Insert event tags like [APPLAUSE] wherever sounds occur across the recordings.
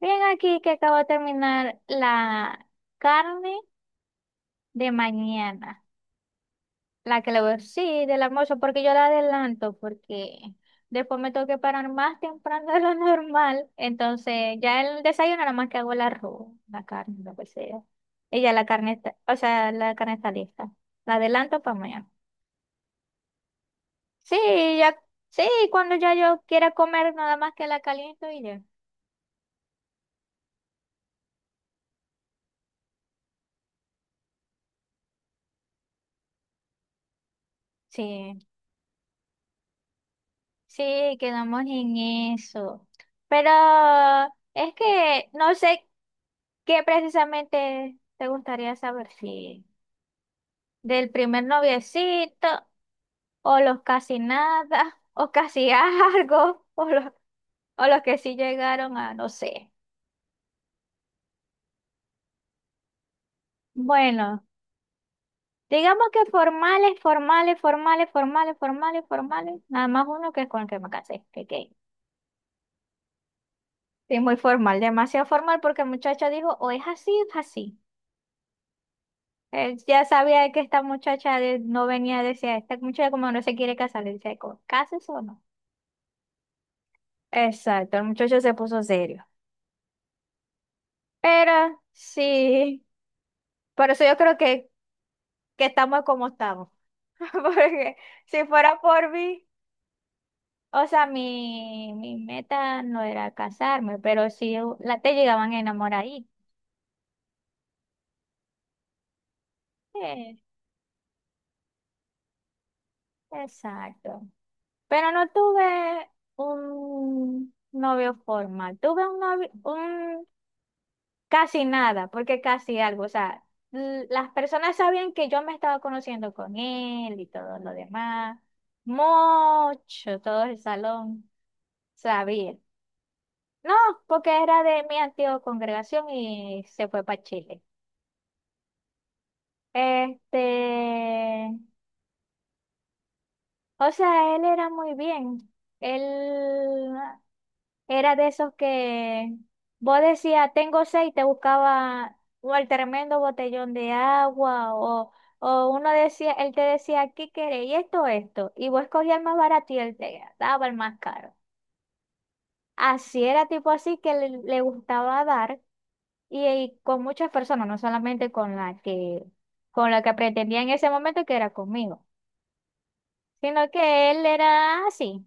Bien, aquí que acabo de terminar la carne de mañana, la que le voy, sí, del almuerzo, porque yo la adelanto, porque después me tengo que parar más temprano de lo [LAUGHS] normal, entonces ya el desayuno nada más que hago el arroz, la carne, lo que sea. Y ya la carne está, o sea, la carne está lista, la adelanto para mañana. Sí, ya, sí, cuando ya yo quiera comer, nada más que la caliento y ya. Sí. Sí, quedamos en eso. Pero es que no sé qué precisamente te gustaría saber, si del primer noviecito, o los casi nada, [LAUGHS] o casi algo, o los que sí llegaron a, no sé. Bueno, digamos que formales, formales, formales, formales, formales, formales, nada más uno que es con el que me casé, que gay. Sí, muy formal, demasiado formal porque el muchacho dijo, o es así, es así. Él ya sabía que esta muchacha no venía, decía, esta muchacha como no se quiere casar, le decía, ¿cases o no? Exacto, el muchacho se puso serio. Pero sí, por eso yo creo que estamos como estamos. [LAUGHS] Porque si fuera por mí, o sea, mi meta no era casarme, pero sí la, te llegaban enamoraditas. Sí, exacto. Pero no tuve un novio formal, tuve un novio, casi nada, porque casi algo. O sea, las personas sabían que yo me estaba conociendo con él y todo lo demás. Mucho, todo el salón sabía. No, porque era de mi antigua congregación y se fue para Chile. Este, o sea, él era muy bien. Él era de esos que vos decías, tengo sed y te buscaba o el tremendo botellón de agua o uno decía, él te decía, ¿qué querés? Y esto, esto. Y vos escogías el más barato y él te daba el más caro. Así era tipo así que le gustaba dar y con muchas personas, no solamente con la con la que pretendía en ese momento que era conmigo, sino que él era así.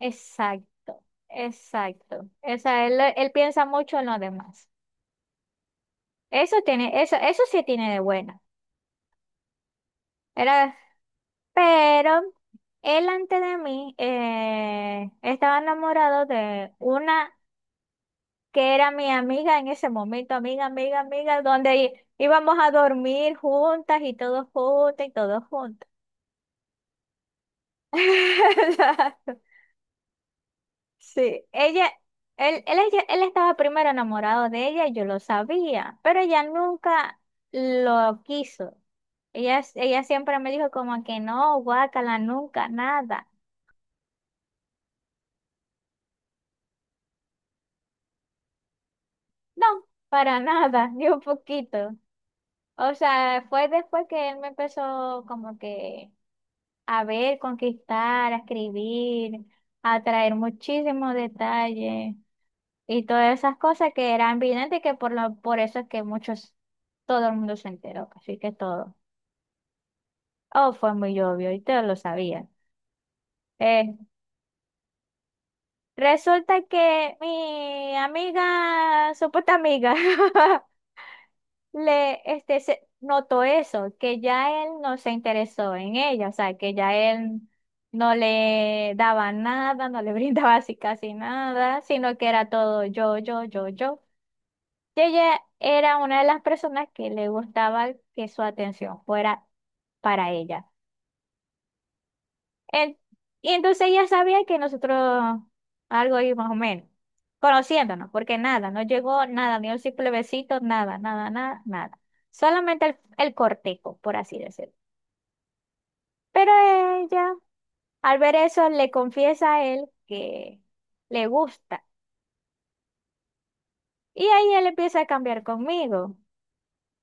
Exacto, exacto. O sea, él piensa mucho en los demás. Eso tiene, eso sí tiene de bueno. Era, pero él antes de mí estaba enamorado de una que era mi amiga en ese momento, amiga, amiga, amiga, donde íbamos a dormir juntas y todos juntos y todos juntos. [LAUGHS] Sí, ella, él estaba primero enamorado de ella, yo lo sabía, pero ella nunca lo quiso. Ella siempre me dijo como que no, guácala, nunca, nada. No, para nada, [LAUGHS] ni un poquito. O sea, fue después que él me empezó como que a ver, conquistar, a escribir, a traer muchísimos detalles y todas esas cosas que eran evidentes y que por eso es que muchos, todo el mundo se enteró, así que todo. Oh, fue muy obvio y todos lo sabían. Eh, resulta que mi amiga, supuesta amiga, [LAUGHS] se notó eso, que ya él no se interesó en ella, o sea, que ya él no le daba nada, no le [LAUGHS] brindaba así casi nada, sino que era todo yo. Que ella era una de las personas que le gustaba que su atención fuera para ella. En- y entonces ella sabía que nosotros algo ahí más o menos, conociéndonos, porque nada, no llegó nada, ni un simple besito, nada, nada, nada, nada. Solamente el cortejo, por así decirlo. Pero ella, al ver eso, le confiesa a él que le gusta. Y ahí él empieza a cambiar conmigo.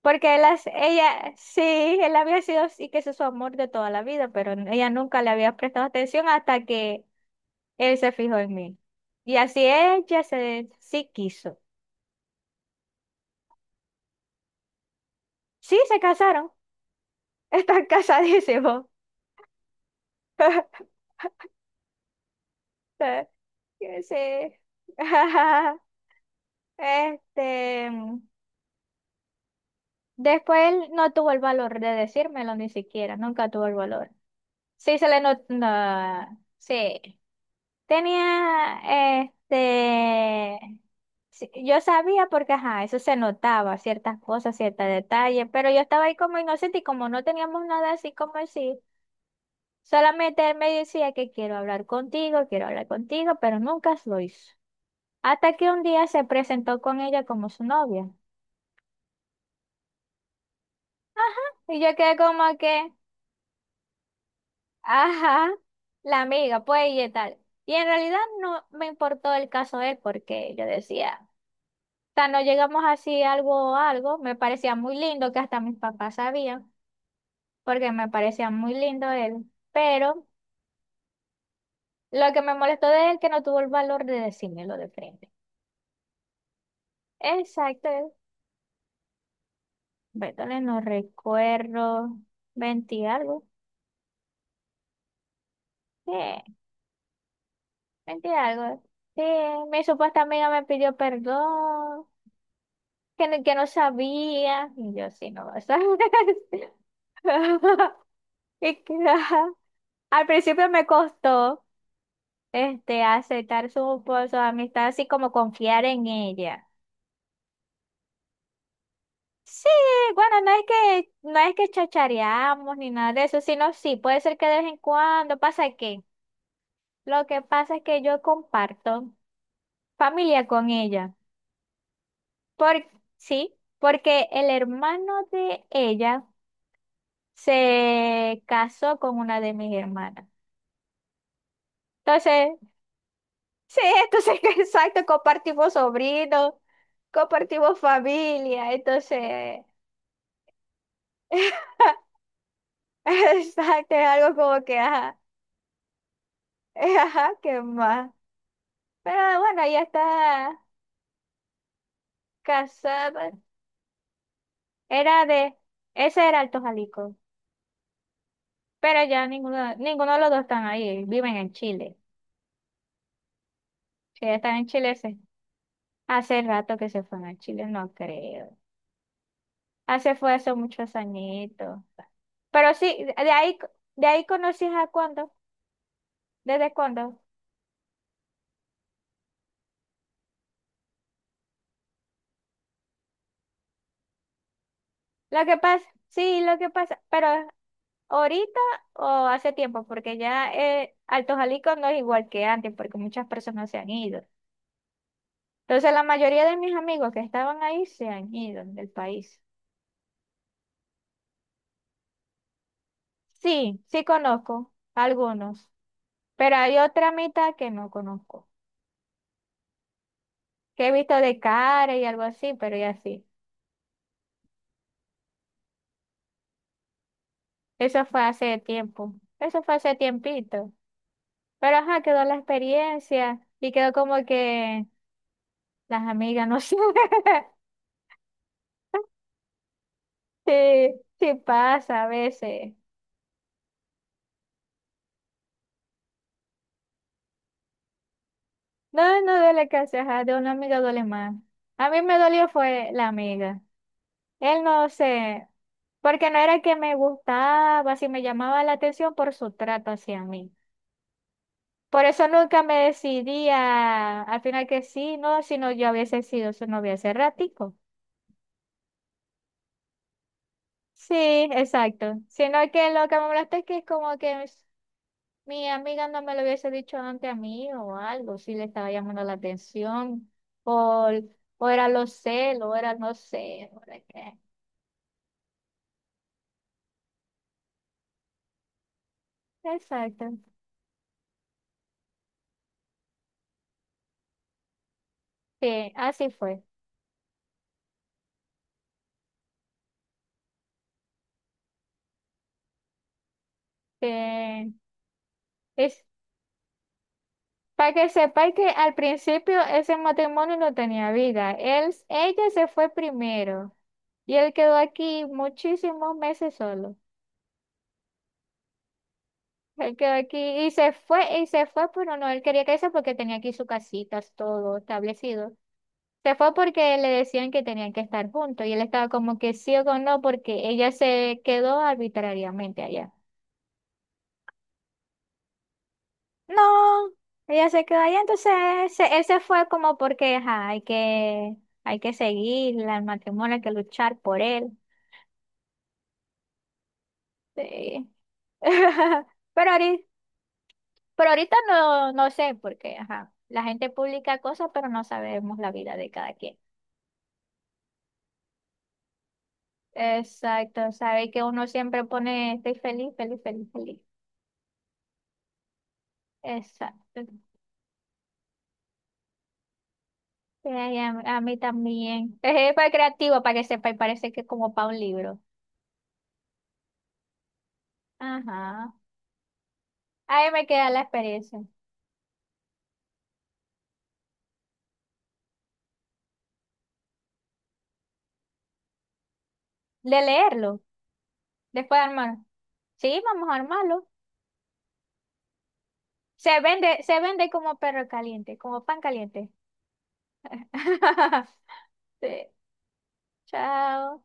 Porque él había sido, sí que ese es su amor de toda la vida, pero ella nunca le había prestado atención hasta que él se fijó en mí. Y así ella se, sí quiso. Sí, se casaron. Están casadísimos. [LAUGHS] Que [LAUGHS] Este, después él no tuvo el valor de decírmelo ni siquiera, nunca tuvo el valor. Sí, se le notó, sí. Tenía, este, sí, yo sabía porque, ajá, eso se notaba, ciertas cosas, ciertos detalles, pero yo estaba ahí como inocente y como no teníamos nada así como así, solamente él me decía que quiero hablar contigo, pero nunca lo hizo. Hasta que un día se presentó con ella como su novia. Y yo quedé como que, ajá, la amiga, pues y tal. Y en realidad no me importó el caso de él porque yo decía... sea, no llegamos así algo a algo. Me parecía muy lindo, que hasta mis papás sabían, porque me parecía muy lindo él. Pero lo que me molestó de él que no tuvo el valor de decírmelo de frente. Exacto, él. Bertale, no recuerdo. 20 algo. Sí, 20 algo. Sí, mi supuesta amiga me pidió perdón, que no sabía. Y yo sí, no lo sabía. [LAUGHS] Y que, ajá. Al principio me costó. Aceptar su, pues, su amistad, así como confiar en ella. Sí, bueno, no es que chachareamos ni nada de eso, sino sí, puede ser que de vez en cuando pasa que. Lo que pasa es que yo comparto familia con ella. Por, sí, porque el hermano de ella se casó con una de mis hermanas. Entonces, sí, [LAUGHS] entonces, exacto, compartimos sobrinos, compartimos familia, entonces. [LAUGHS] Exacto, es algo como que, ajá, [LAUGHS] ajá, qué más. Pero bueno, ella está casada. Era de, ese era Alto Jalisco. Pero ya ninguno, ninguno de los dos están ahí, viven en Chile. Si ya están en Chile, hace rato que se fueron a Chile, no creo. Hace fue hace muchos añitos. Pero sí, de ahí conocí a cuándo, desde cuándo. Lo que pasa, pero ahorita o hace tiempo, porque ya Alto Jalisco no es igual que antes, porque muchas personas se han ido. Entonces, la mayoría de mis amigos que estaban ahí se han ido del país. Sí conozco algunos, pero hay otra mitad que no conozco, que he visto de cara y algo así, pero ya sí. Eso fue hace tiempo, eso fue hace tiempito. Pero ajá, quedó la experiencia y quedó como que las amigas, no sé, [LAUGHS] sí, sí pasa a veces. No, no duele casi, ajá, de una amiga duele más. A mí me dolió fue la amiga. Él no sé, porque no era que me gustaba, si me llamaba la atención por su trato hacia mí. Por eso nunca me decidía al final que sí, no, si no yo hubiese sido su novia hace ratico. Sí, exacto. Sino que lo que me molesta es que es como que mi amiga no me lo hubiese dicho antes a mí o algo, si le estaba llamando la atención, por, o era los celos, o era no sé, o era qué. Exacto, sí, así fue. Que es, para que sepáis que al principio ese matrimonio no tenía vida. Él, ella se fue primero y él quedó aquí muchísimos meses solo. Él quedó aquí y se fue, pero no, él quería que eso porque tenía aquí su casita, todo establecido. Se fue porque le decían que tenían que estar juntos y él estaba como que sí o con no porque ella se quedó arbitrariamente allá. No, ella se quedó allá, entonces él se fue como porque ajá, hay que seguir el matrimonio, hay que luchar por él. Sí. [LAUGHS] Pero ahorita, pero ahorita no, no sé porque ajá, la gente publica cosas pero no sabemos la vida de cada quien. Exacto, sabe que uno siempre pone estoy feliz, feliz, feliz, feliz. Exacto. Sí, a mí a mí también. Es para creativo, para que sepa, y parece que es como para un libro. Ajá. Ahí me queda la experiencia de leerlo, después de armarlo. Sí, vamos a armarlo. Se vende como perro caliente, como pan caliente. [LAUGHS] Sí. Chao.